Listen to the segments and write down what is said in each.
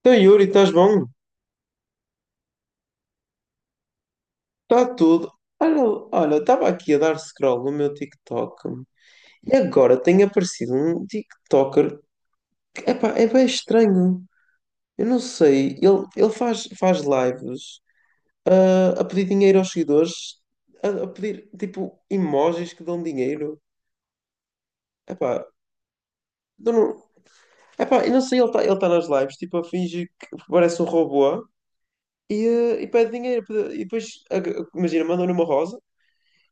Então, Yuri, estás bom? Está tudo. Olha, olha, estava aqui a dar scroll no meu TikTok e agora tem aparecido um TikToker que epá, é bem estranho. Eu não sei, ele faz lives a pedir dinheiro aos seguidores, a pedir tipo emojis que dão dinheiro. Epá, eu não, epá, eu não sei, ele tá nas lives tipo a fingir que parece um robô e pede dinheiro. E depois, imagina, mandam-lhe uma rosa.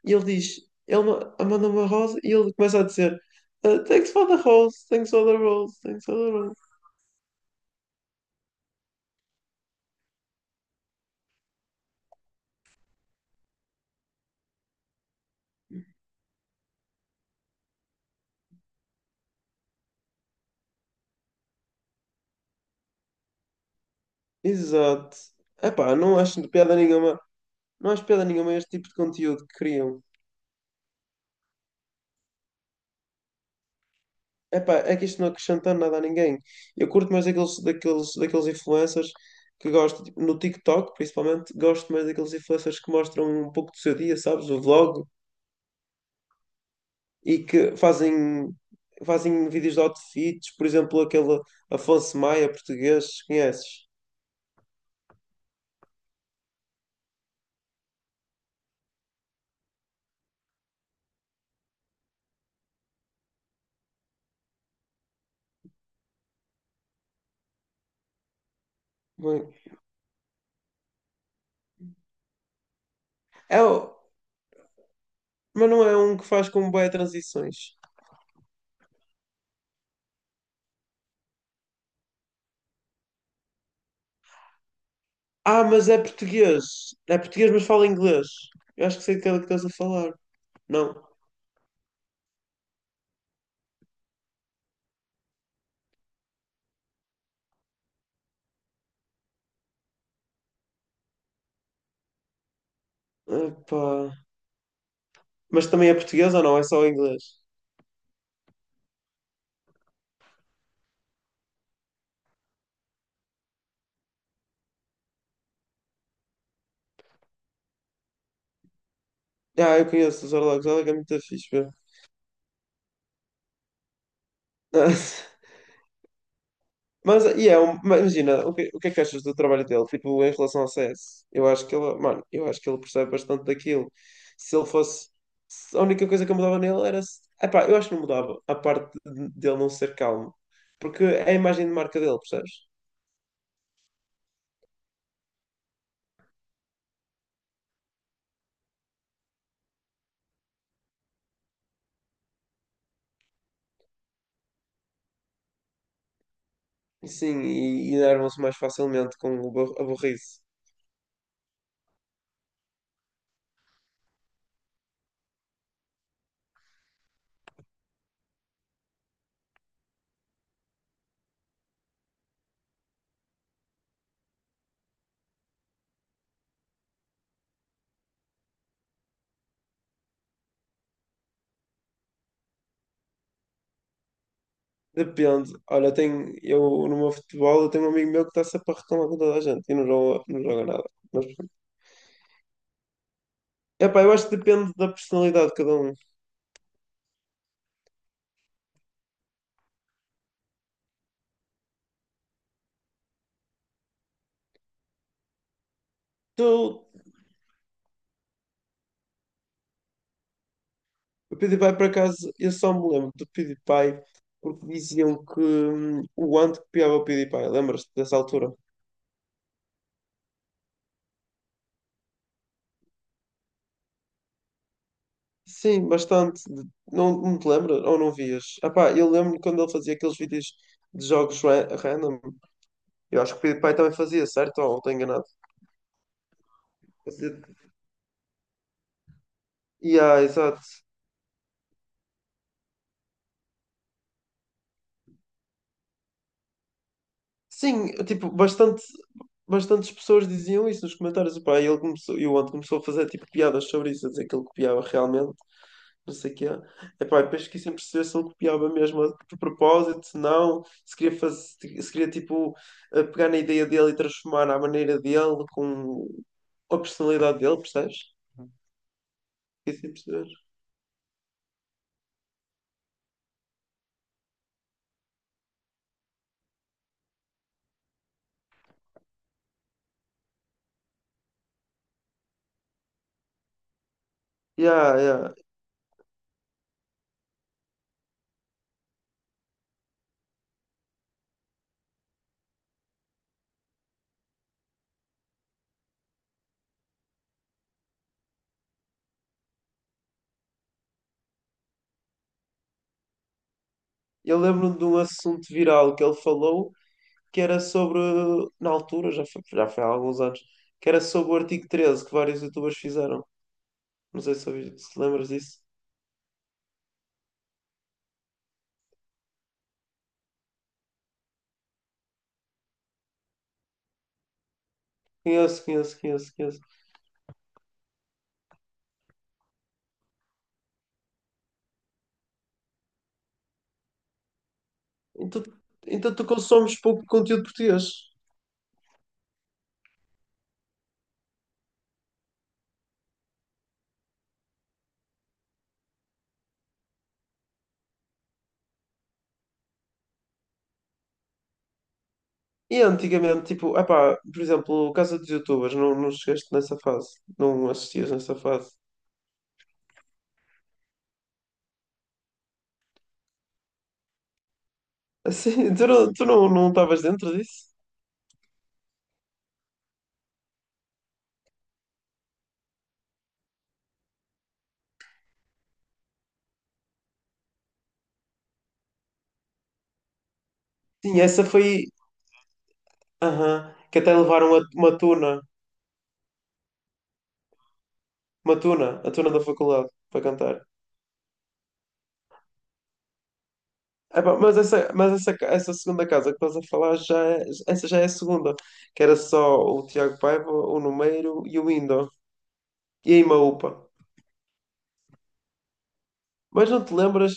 E ele diz, manda-me a Rose e ele começa a dizer "Ah, thanks for the Rose, thanks for the Rose, thanks for the Rose." Exato. Epá, não acho de piada nenhuma, não acho piada nenhuma este tipo de conteúdo que criam. Epá, é que isto não acrescenta nada a ninguém. Eu curto mais daqueles influencers que gosto, tipo, no TikTok principalmente, gosto mais daqueles influencers que mostram um pouco do seu dia, sabes? O vlog e que fazem, fazem vídeos de outfits, por exemplo, aquele Afonso Maia português, conheces? Bem, é, o- mas não é um que faz com boas transições. Ah, mas é português. É português, mas fala inglês. Eu acho que sei aquele que estás a falar. Não. Epá. Mas também é português ou não? É só inglês? Ah, eu conheço os Orlogos. Orlogos é muito fixe, meu. Mas, e é um- mas imagina, o que é que achas do trabalho dele? Tipo, em relação ao CS? Eu acho que ele, mano, eu acho que ele percebe bastante daquilo. Se ele fosse. Se a única coisa que eu mudava nele era. Epá, eu acho que não mudava a parte dele não ser calmo. Porque é a imagem de marca dele, percebes? Sim, e enervam-se mais facilmente com o a burrice. Depende. Olha, eu tenho, eu no meu futebol, eu tenho um amigo meu que está sempre a reclamar com toda a gente e não joga, não joga nada. Mas epá, eu acho que depende da personalidade de cada um. Tu O PewDiePie, por acaso, eu só me lembro do PewDiePie porque diziam que o Ant copiava o PewDiePie. Lembras-te dessa altura? Sim, bastante. Não, não te lembras ou não vias? Epá, eu lembro quando ele fazia aqueles vídeos de jogos random. Eu acho que o PewDiePie também fazia, certo? Ou estou enganado? Fazia... Yeah, exato. Sim, tipo, bastante, bastantes pessoas diziam isso nos comentários. Epá, e ele começou, e o Ant começou a fazer tipo piadas sobre isso, a dizer que ele copiava realmente, não sei o quê. Epá, e depois fiquei sem perceber se ele copiava mesmo de propósito, se não, se queria fazer, se queria tipo pegar na ideia dele e transformar à maneira dele com a personalidade dele, percebes? Fiquei sem perceber. Yeah, yeah. Eu lembro-me de um assunto viral que ele falou, que era sobre, na altura, já foi há alguns anos, que era sobre o artigo 13 que vários youtubers fizeram. Não sei se, se te lembras disso. Conheço, conheço, conheço, conheço. Então, então tu consomes pouco conteúdo português. E antigamente, tipo, epá, por exemplo, o caso dos Youtubers, não, não chegaste nessa fase, não assistias nessa fase. Assim, tu não, não estavas dentro disso? Sim, essa foi. Aham, que até levaram uma tuna, a tuna da faculdade, para cantar. Epá, mas essa segunda casa que estás a falar, essa já é a segunda, que era só o Tiago Paiva, o Numeiro e o Indo, e a Imaúpa. Mas não te lembras,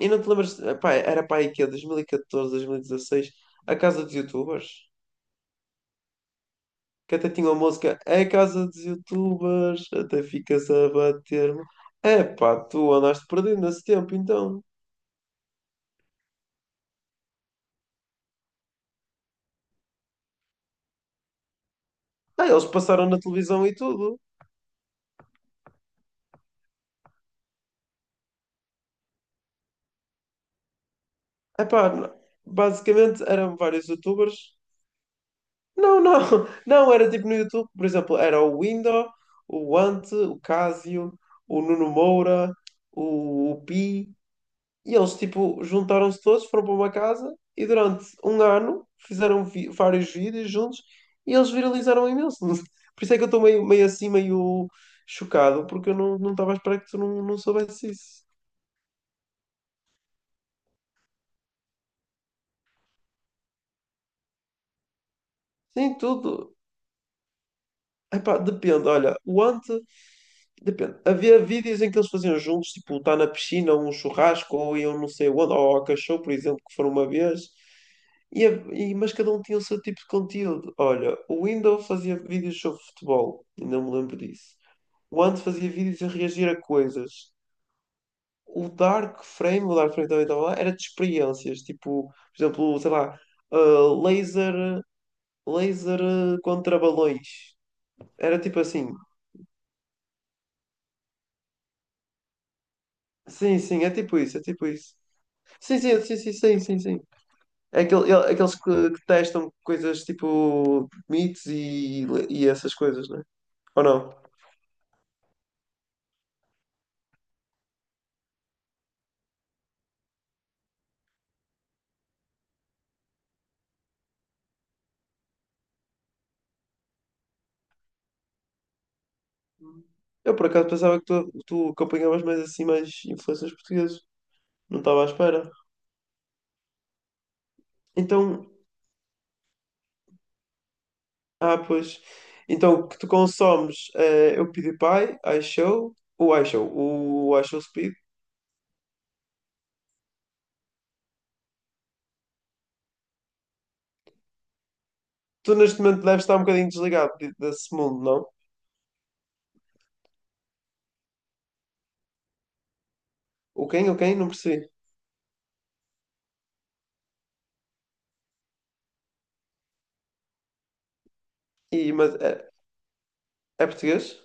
e não te lembras, epá, era para aí que é, 2014, 2016 a casa dos youtubers? Que até tinha uma música é Casa dos Youtubers, até ficas a bater-me. É pá, tu andaste perdendo nesse tempo, então. Ah, eles passaram na televisão e tudo. É pá, basicamente eram vários YouTubers. Não, não, não, era tipo no YouTube, por exemplo, era o Window, o Ante, o Casio, o Nuno Moura, o Pi. E eles, tipo, juntaram-se todos, foram para uma casa e durante um ano fizeram vários vídeos juntos e eles viralizaram imenso. Por isso é que eu estou meio assim, meio chocado, porque eu não estava à espera que tu não soubesse isso. Sim, tudo. Epá, depende, olha, o Ante, depende. Havia vídeos em que eles faziam juntos, tipo, estar na piscina, ou um churrasco, ou iam não sei onde, ou ao cachorro, por exemplo, que foram uma vez, e, mas cada um tinha o seu tipo de conteúdo. Olha, o Windows fazia vídeos sobre futebol, ainda me lembro disso. O Ante fazia vídeos a reagir a coisas. O Dark Frame também estava lá, era de experiências, tipo, por exemplo, sei lá, ah, laser, laser contra balões. Era tipo assim. Sim, sim, é tipo isso, é tipo isso. Sim, sim, sim, sim, sim, sim, sim. É aquele, aqueles que testam coisas tipo mitos e essas coisas, né? Ou não? Eu por acaso pensava que tu acompanhavas mais assim mais influências portuguesas. Não estava à espera. Então, ah, pois. Então, o que tu consomes é o PewDiePie, o iShow Speed. Tu neste momento deves estar um bocadinho desligado desse mundo, não? O quem? O quem? Não percebi. E, mas é, é português?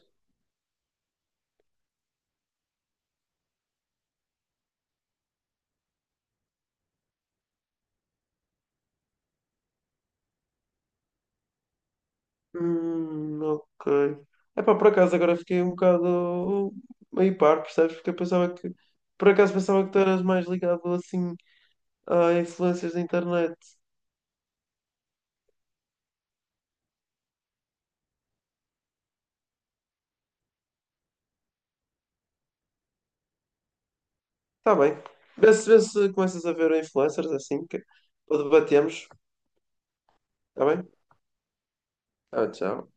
Ok. Epá, por acaso agora fiquei um bocado meio par, percebes? Porque eu pensava que. Por acaso pensava que tu eras mais ligado assim a influências da internet. Tá bem. Vê se começas a ver influencers assim, que debatemos. Tá bem? Ah, tchau.